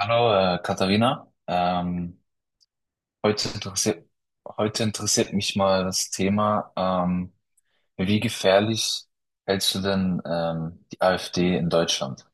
Hallo, Katharina. Heute interessiert, Heute interessiert mich mal das Thema, wie gefährlich hältst du denn die AfD in Deutschland?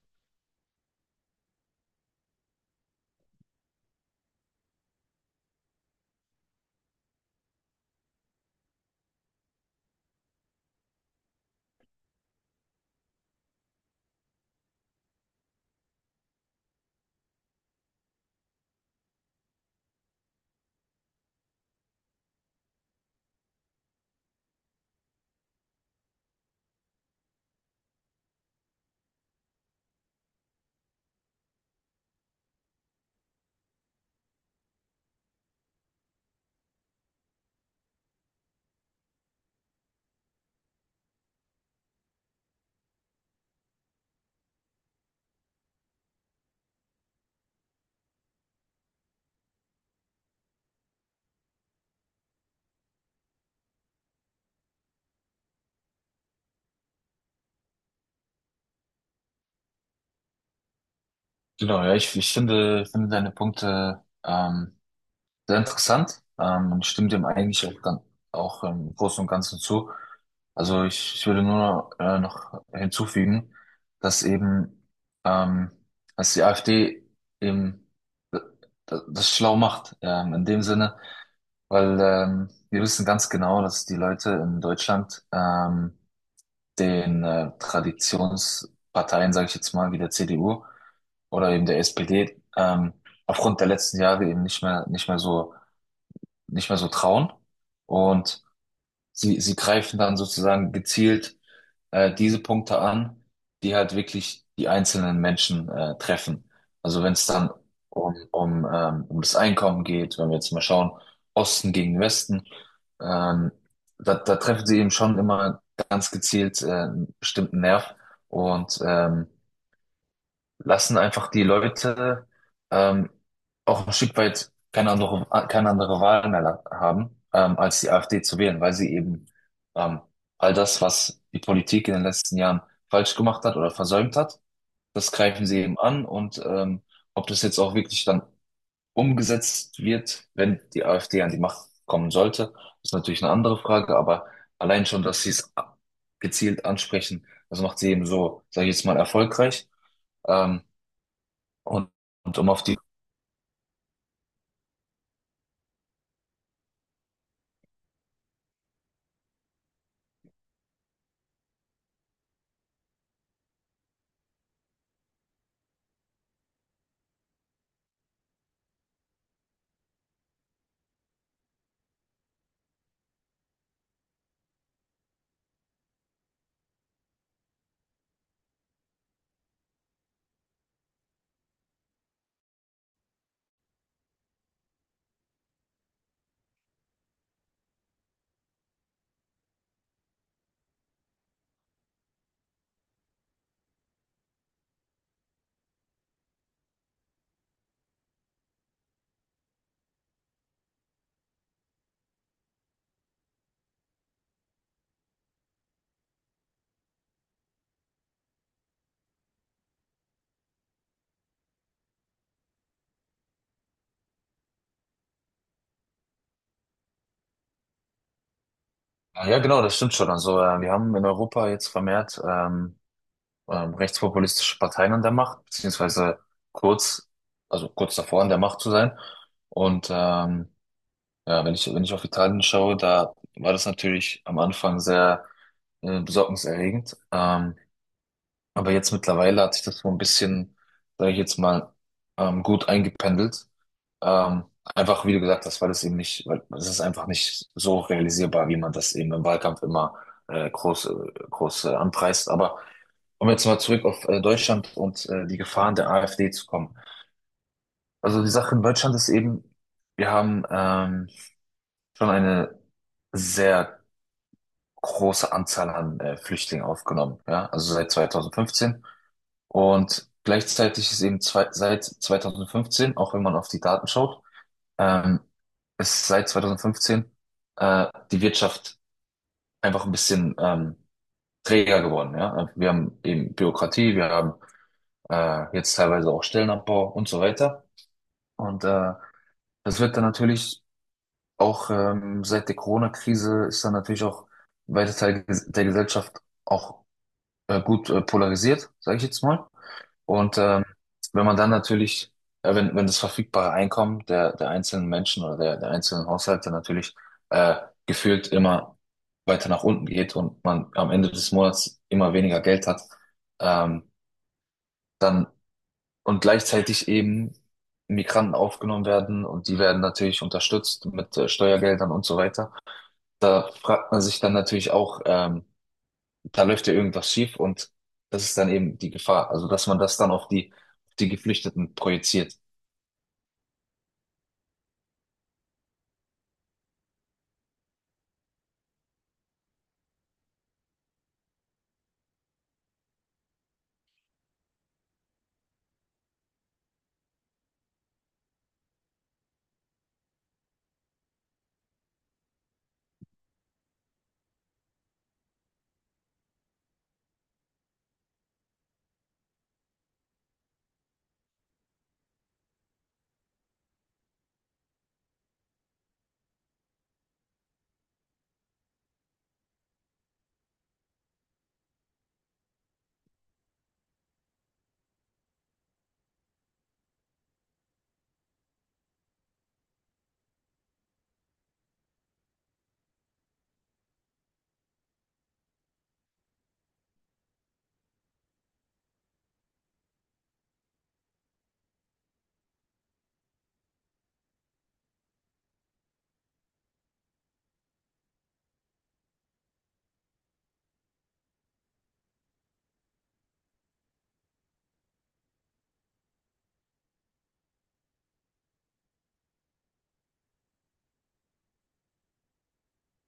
Genau, ja, ich finde, finde deine Punkte sehr interessant und stimme dem eigentlich auch, auch im Großen und Ganzen zu. Also ich würde nur noch hinzufügen, dass ähm, dass die AfD eben d- das schlau macht, in dem Sinne, weil wir wissen ganz genau, dass die Leute in Deutschland den Traditionsparteien, sage ich jetzt mal, wie der CDU oder eben der SPD, aufgrund der letzten Jahre eben nicht mehr so trauen. Und sie greifen dann sozusagen gezielt diese Punkte an, die halt wirklich die einzelnen Menschen treffen. Also wenn es dann um das Einkommen geht, wenn wir jetzt mal schauen, Osten gegen Westen, ähm, da treffen sie eben schon immer ganz gezielt einen bestimmten Nerv. Und lassen einfach die Leute ähm, auch ein Stück weit keine andere Wahl mehr haben, als die AfD zu wählen, weil sie eben ähm, all das, was die Politik in den letzten Jahren falsch gemacht hat oder versäumt hat, das greifen sie eben an. Ob das jetzt auch wirklich dann umgesetzt wird, wenn die AfD an die Macht kommen sollte, ist natürlich eine andere Frage, aber allein schon, dass sie es gezielt ansprechen, das macht sie eben so, sage ich jetzt mal, erfolgreich. Ähm, und, und um auf die, ja genau, das stimmt schon. Also wir haben in Europa jetzt vermehrt rechtspopulistische Parteien an der Macht, beziehungsweise kurz, also kurz davor an der Macht zu sein. Und ja, wenn ich auf Italien schaue, da war das natürlich am Anfang sehr besorgniserregend. Aber jetzt mittlerweile hat sich das so ein bisschen, sage ich jetzt mal, gut eingependelt. Ähm, Einfach, wie du gesagt hast, weil es ist einfach nicht so realisierbar, wie man das eben im Wahlkampf immer äh, groß, äh, groß anpreist. Aber um jetzt mal zurück auf Deutschland und die Gefahren der AfD zu kommen. Also die Sache in Deutschland ist eben, wir haben schon eine sehr große Anzahl an Flüchtlingen aufgenommen, ja, also seit 2015. Und gleichzeitig ist eben seit 2015, auch wenn man auf die Daten schaut, ähm, ist seit 2015 äh, die Wirtschaft einfach ein bisschen träger geworden. Ja? Wir haben eben Bürokratie, wir haben jetzt teilweise auch Stellenabbau und so weiter. Und das wird dann natürlich auch, seit der Corona-Krise, ist dann natürlich auch weite Teile der Gesellschaft auch gut polarisiert, sage ich jetzt mal. Und wenn man dann natürlich, wenn das verfügbare Einkommen der einzelnen Menschen oder der einzelnen Haushalte natürlich äh, gefühlt immer weiter nach unten geht und man am Ende des Monats immer weniger Geld hat, ähm, dann und gleichzeitig eben Migranten aufgenommen werden, und die werden natürlich unterstützt mit Steuergeldern und so weiter. Da fragt man sich dann natürlich auch, da läuft ja irgendwas schief, und das ist dann eben die Gefahr. Also, dass man das dann auf die Geflüchteten projiziert.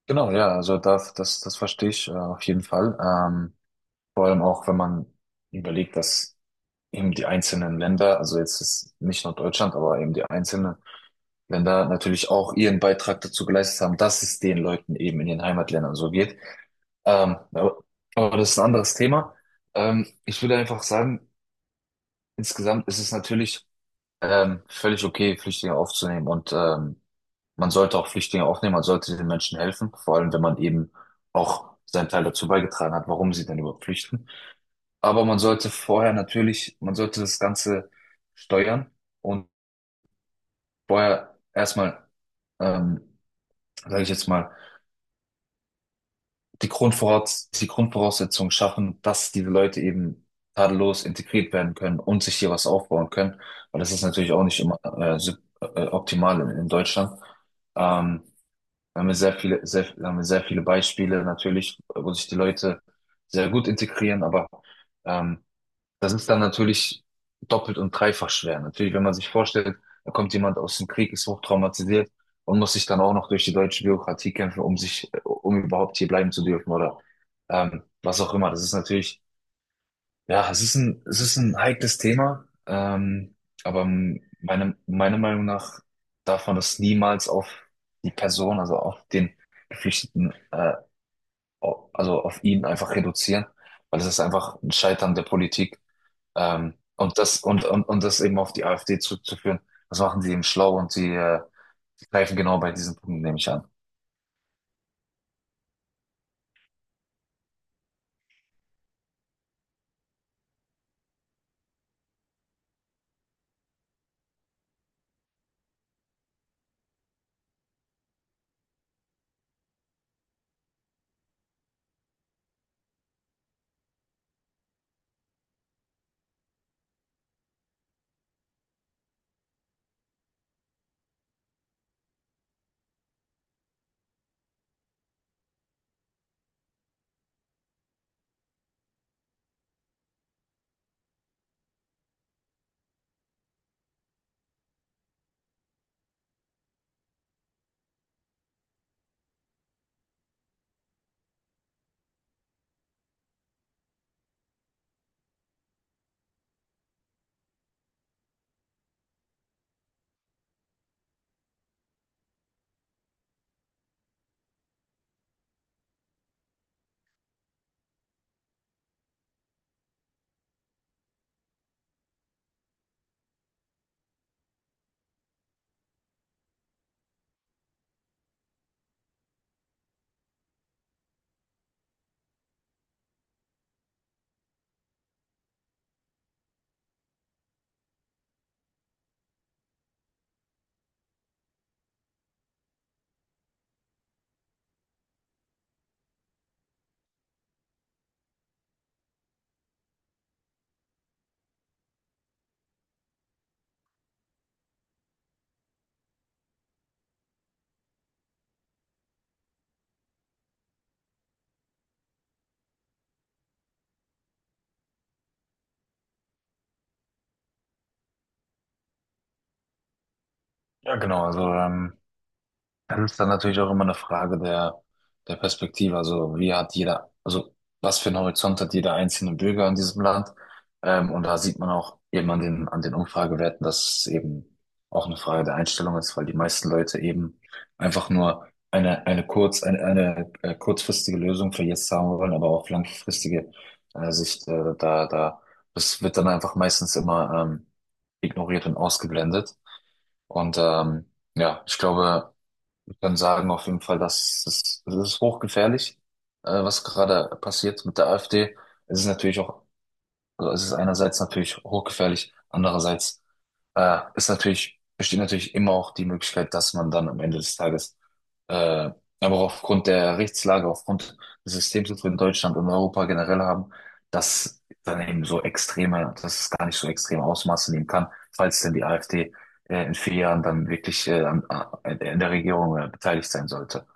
Genau, ja, also das verstehe ich auf jeden Fall. Vor allem auch, wenn man überlegt, dass eben die einzelnen Länder, also jetzt ist nicht nur Deutschland, aber eben die einzelnen Länder natürlich auch ihren Beitrag dazu geleistet haben, dass es den Leuten eben in den Heimatländern so geht. Ähm, aber, aber das ist ein anderes Thema. Ich würde einfach sagen, insgesamt ist es natürlich völlig okay, Flüchtlinge aufzunehmen, und man sollte auch Flüchtlinge aufnehmen, man sollte den Menschen helfen, vor allem wenn man eben auch seinen Teil dazu beigetragen hat, warum sie denn überhaupt flüchten. Aber man sollte vorher natürlich, man sollte das Ganze steuern und vorher erstmal, ähm, sage ich jetzt mal, die Grundvoraussetzungen schaffen, dass diese Leute eben tadellos integriert werden können und sich hier was aufbauen können, weil das ist natürlich auch nicht immer optimal in Deutschland. Ähm, Da haben wir da haben wir sehr viele Beispiele natürlich, wo sich die Leute sehr gut integrieren, aber ähm, das ist dann natürlich doppelt und dreifach schwer. Natürlich, wenn man sich vorstellt, da kommt jemand aus dem Krieg, ist hochtraumatisiert und muss sich dann auch noch durch die deutsche Bürokratie kämpfen, um sich, um überhaupt hier bleiben zu dürfen oder was auch immer. Das ist natürlich, ja, es ist es ist ein heikles Thema, aber meiner Meinung nach darf man das niemals auf die Person, also auf den Geflüchteten, also auf ihn einfach reduzieren, weil es ist einfach ein Scheitern der Politik. Und das eben auf die AfD zurückzuführen, das machen sie eben schlau, und sie greifen genau bei diesen Punkten, nehme ich an. Ja, genau, also das ist dann natürlich auch immer eine Frage der Perspektive. Also wie hat jeder, also was für einen Horizont hat jeder einzelne Bürger in diesem Land? Und da sieht man auch eben an an den Umfragewerten, dass es eben auch eine Frage der Einstellung ist, weil die meisten Leute eben einfach nur eine kurzfristige Lösung für jetzt haben wollen, aber auf langfristige Sicht da, das wird dann einfach meistens immer ignoriert und ausgeblendet. Und ja, ich glaube, kann sagen auf jeden Fall, dass das ist hochgefährlich, was gerade passiert mit der AfD. Es ist natürlich auch, also es ist einerseits natürlich hochgefährlich, andererseits besteht natürlich immer auch die Möglichkeit, dass man dann am Ende des Tages, äh, aber auch aufgrund der Rechtslage, aufgrund des Systems, das wir in Deutschland und Europa generell haben, dass es gar nicht so extreme Ausmaße nehmen kann, falls denn die AfD in 4 Jahren dann wirklich in der Regierung beteiligt sein sollte.